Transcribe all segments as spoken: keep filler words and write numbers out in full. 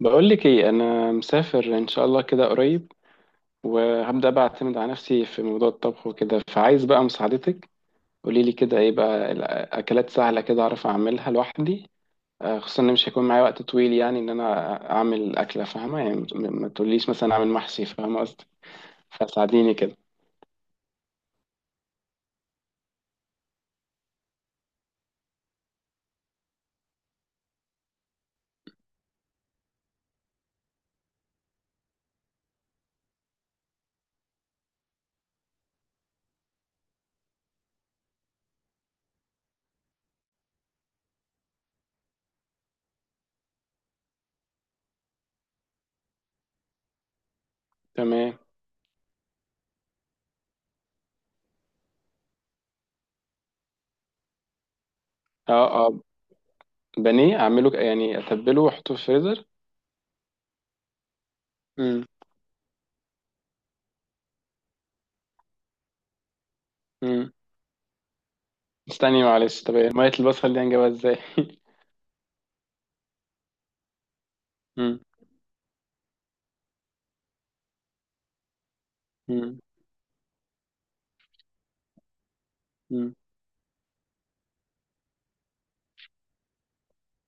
بقول لك ايه؟ انا مسافر ان شاء الله كده قريب. وهبدا بقى اعتمد على نفسي في موضوع الطبخ وكده، فعايز بقى مساعدتك. قولي لي كده، ايه بقى الاكلات سهله كده اعرف اعملها لوحدي؟ آه، خصوصا ان مش هيكون معايا وقت طويل، يعني ان انا اعمل اكله، فاهمه؟ يعني ما ما تقوليش مثلا اعمل محشي، فاهمه قصدي. فساعديني كده. تمام. اه اه. بانيه اعمله يعني اتبله واحطه في الفريزر. امم. امم استني معلش، طب إيه؟ ميه البصل دي هنجيبها ازاي؟ امم. امم.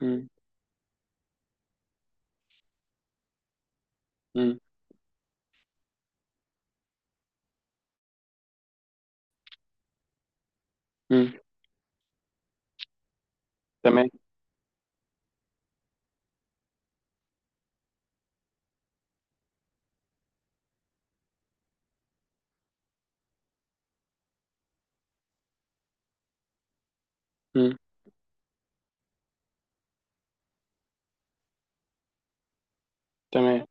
امم. امم. تمام. مم. تمام.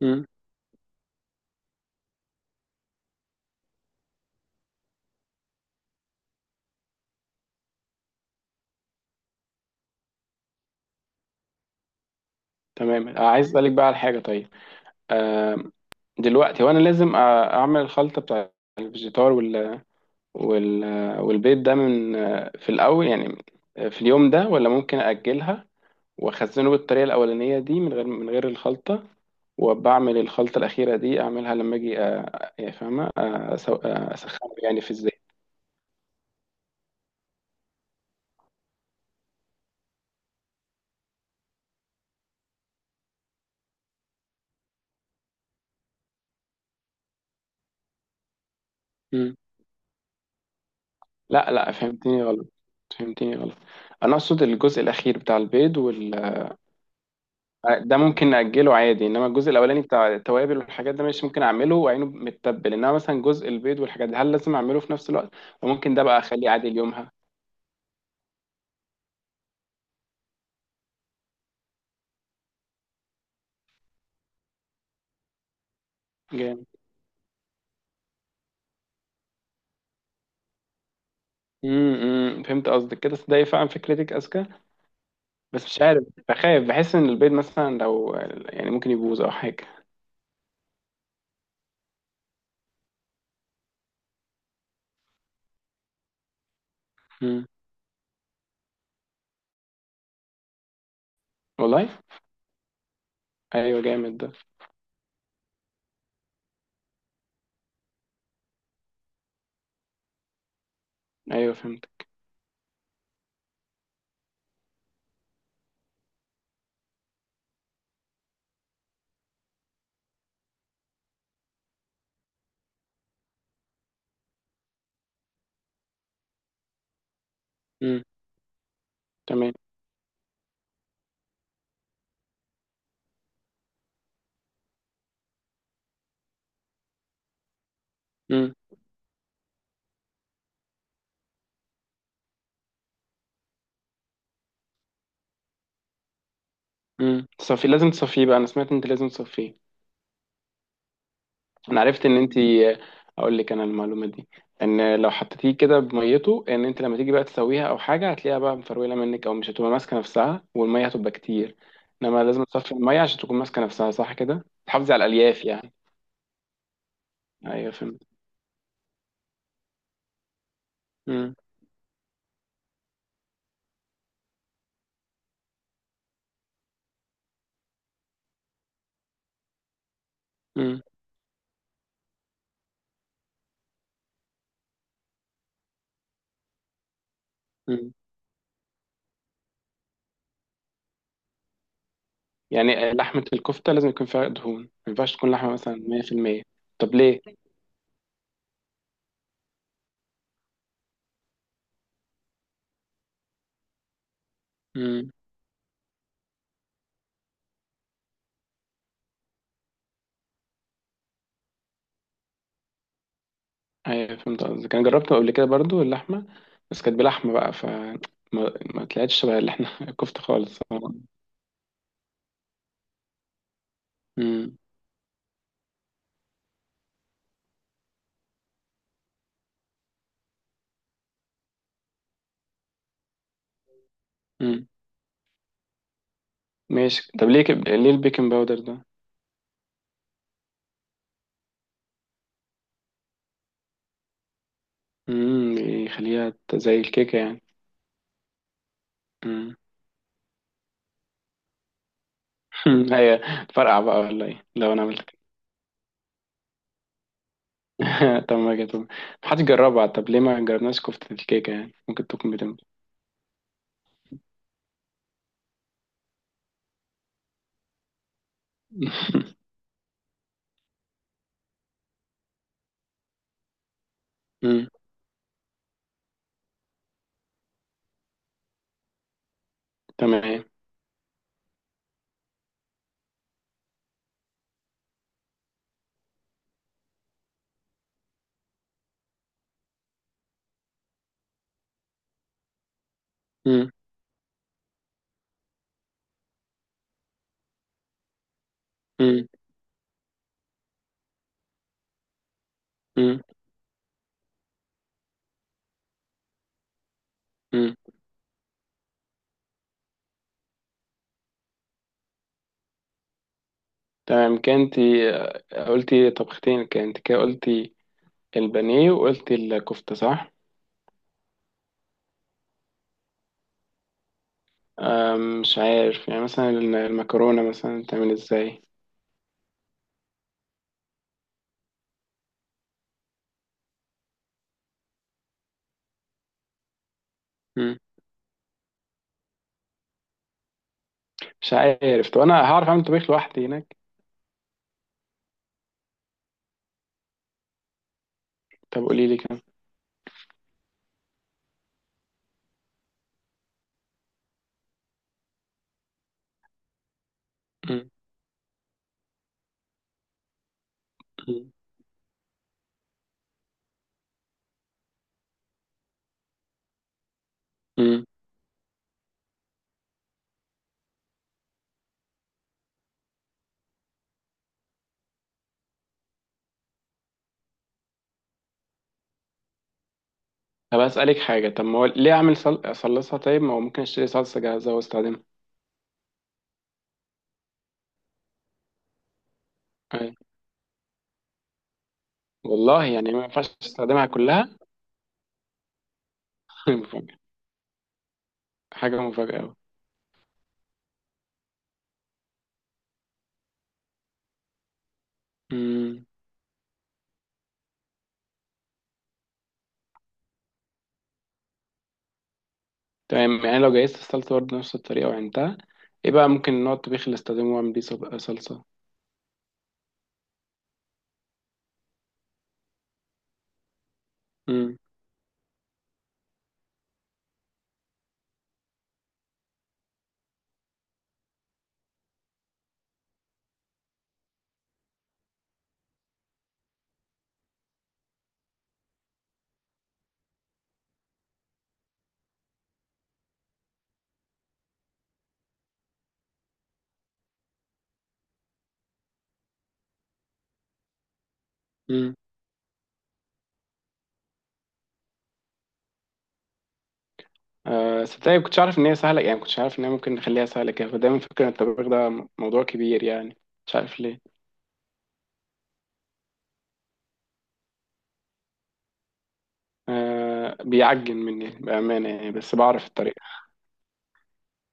مم. تمام، آه، عايز اسالك بقى على حاجه. طيب. آه. دلوقتي وانا لازم آه، اعمل الخلطه بتاع الفيجيتار وال وال والبيض ده من آه، في الاول، يعني آه، في اليوم ده، ولا ممكن اجلها واخزنه بالطريقه الاولانيه دي من غير من غير الخلطه، وبعمل الخلطه الاخيره دي اعملها لما اجي، آه، يعني فاهمه؟ آه، أسو- آه، اسخنه يعني في الزيت. مم. لا لا، فهمتني غلط. فهمتني غلط. انا اقصد الجزء الاخير بتاع البيض وال آه، ده ممكن نأجله عادي، انما الجزء الاولاني بتاع التوابل والحاجات ده مش ممكن اعمله وعينه متبل، انما مثلا جزء البيض والحاجات دي، هل لازم اعمله في نفس الوقت؟ وممكن ده بقى اخليه عادي ليومها؟ جامد. امم إمم، فهمت قصدك كده، صدقني فعلا فكرتك اذكى، بس مش عارف، بخاف، بحس ان البيض مثلا لو، يعني ممكن يبوظ او حاجه. امم. والله. ايوه جامد ده. ايوه فهمت. امم. تمام. امم. امم. تصفي، لازم تصفيه بقى، انا سمعت انت لازم تصفيه. انا عرفت ان انت، اقول لك انا المعلومه دي، ان لو حطيتيه كده بميته، ان انت لما تيجي بقى تسويها او حاجه، هتلاقيها بقى مفروله منك، او مش هتبقى ماسكه نفسها، والميه هتبقى كتير. انما لازم تصفي الميه عشان تكون ماسكه نفسها، صح كده، تحافظي على الالياف يعني. ايوه فهمت. مم. مم. مم. يعني لحمه الكفته لازم يكون فيها دهون، ما ينفعش تكون لحمه مثلا مية في المية؟ طب ليه؟ مم. ايوه فهمت قصدك، انا جربت قبل كده برضو اللحمه، بس كانت بلحمه بقى، ف ما ما طلعتش شبه اللي احنا الكفته خالص. امم. امم. ماشي، طب ليه كب... ليه البيكنج باودر ده؟ امم، يخليها ت- زي الكيكه يعني. امم. هي تفرقع بقى ولا ايه لو انا عملت كده؟ طب ما جت، محدش جربها، طب ليه ما جربناش كفته الكيكه يعني؟ ممكن تكون بتنفع. امم. تمام. امم. امم. امم. امم. تمام، كانتي آه، قلتي طبختين، كانت كده قلتي البانيه وقلتي الكفته، صح؟ آم، مش عارف، يعني مثلا المكرونه مثلا تعمل ازاي؟ مش عارف، طب انا هعرف اعمل طبيخ لوحدي هناك؟ طب قولي لي كده. مم. مم. مم. طب اسالك حاجه، طب ما هو ليه اعمل صل... صلصه؟ طيب، ما هو ممكن اشتري صلصه جاهزه واستخدمها. أي. والله يعني ما ينفعش استخدمها كلها؟ مفاجأة. حاجه مفاجاه قوي. مم. تمام، يعني لو جهزت الصلصه برضه نفس الطريقه وعينتها، ايه بقى ممكن نوع الطبيخ اللي استخدمه واعمل بيه صب- صلصه؟ مم. مم. آه، صدقني كنتش عارف ان هي سهله يعني، كنتش عارف ان هي ممكن نخليها سهله كده، فدايما فكره ان الطبيخ ده موضوع كبير يعني. مش عارف ليه. آه، بيعجن مني بأمانة يعني، بس بعرف الطريقة.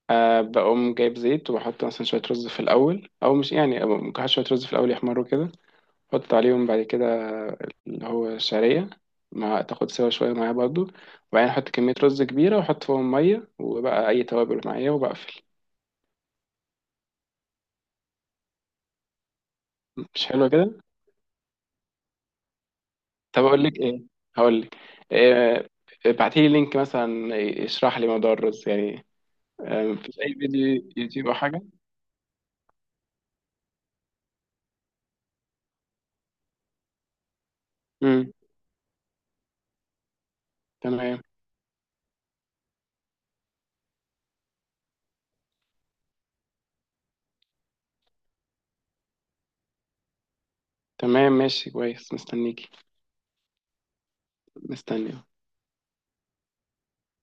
آه، بقوم جايب زيت وبحط مثلا شوية رز في الأول، أو مش يعني، ممكن أحط شوية رز في الأول يحمروا كده، أحط عليهم بعد كده اللي هو الشعرية، مع تاخد سوا شوية معايا برضو. وبعدين أحط كمية رز كبيرة وأحط فوقهم مية وبقى أي توابل معايا وبقفل. مش حلو كده؟ طب أقول لك إيه؟ هقول لك إيه؟ ابعتيلي لينك مثلا يشرح لي موضوع الرز يعني، آه، مفيش أي فيديو يوتيوب أو حاجة؟ امم. تمام. تمام ماشي كويس، مستنيكي. مستني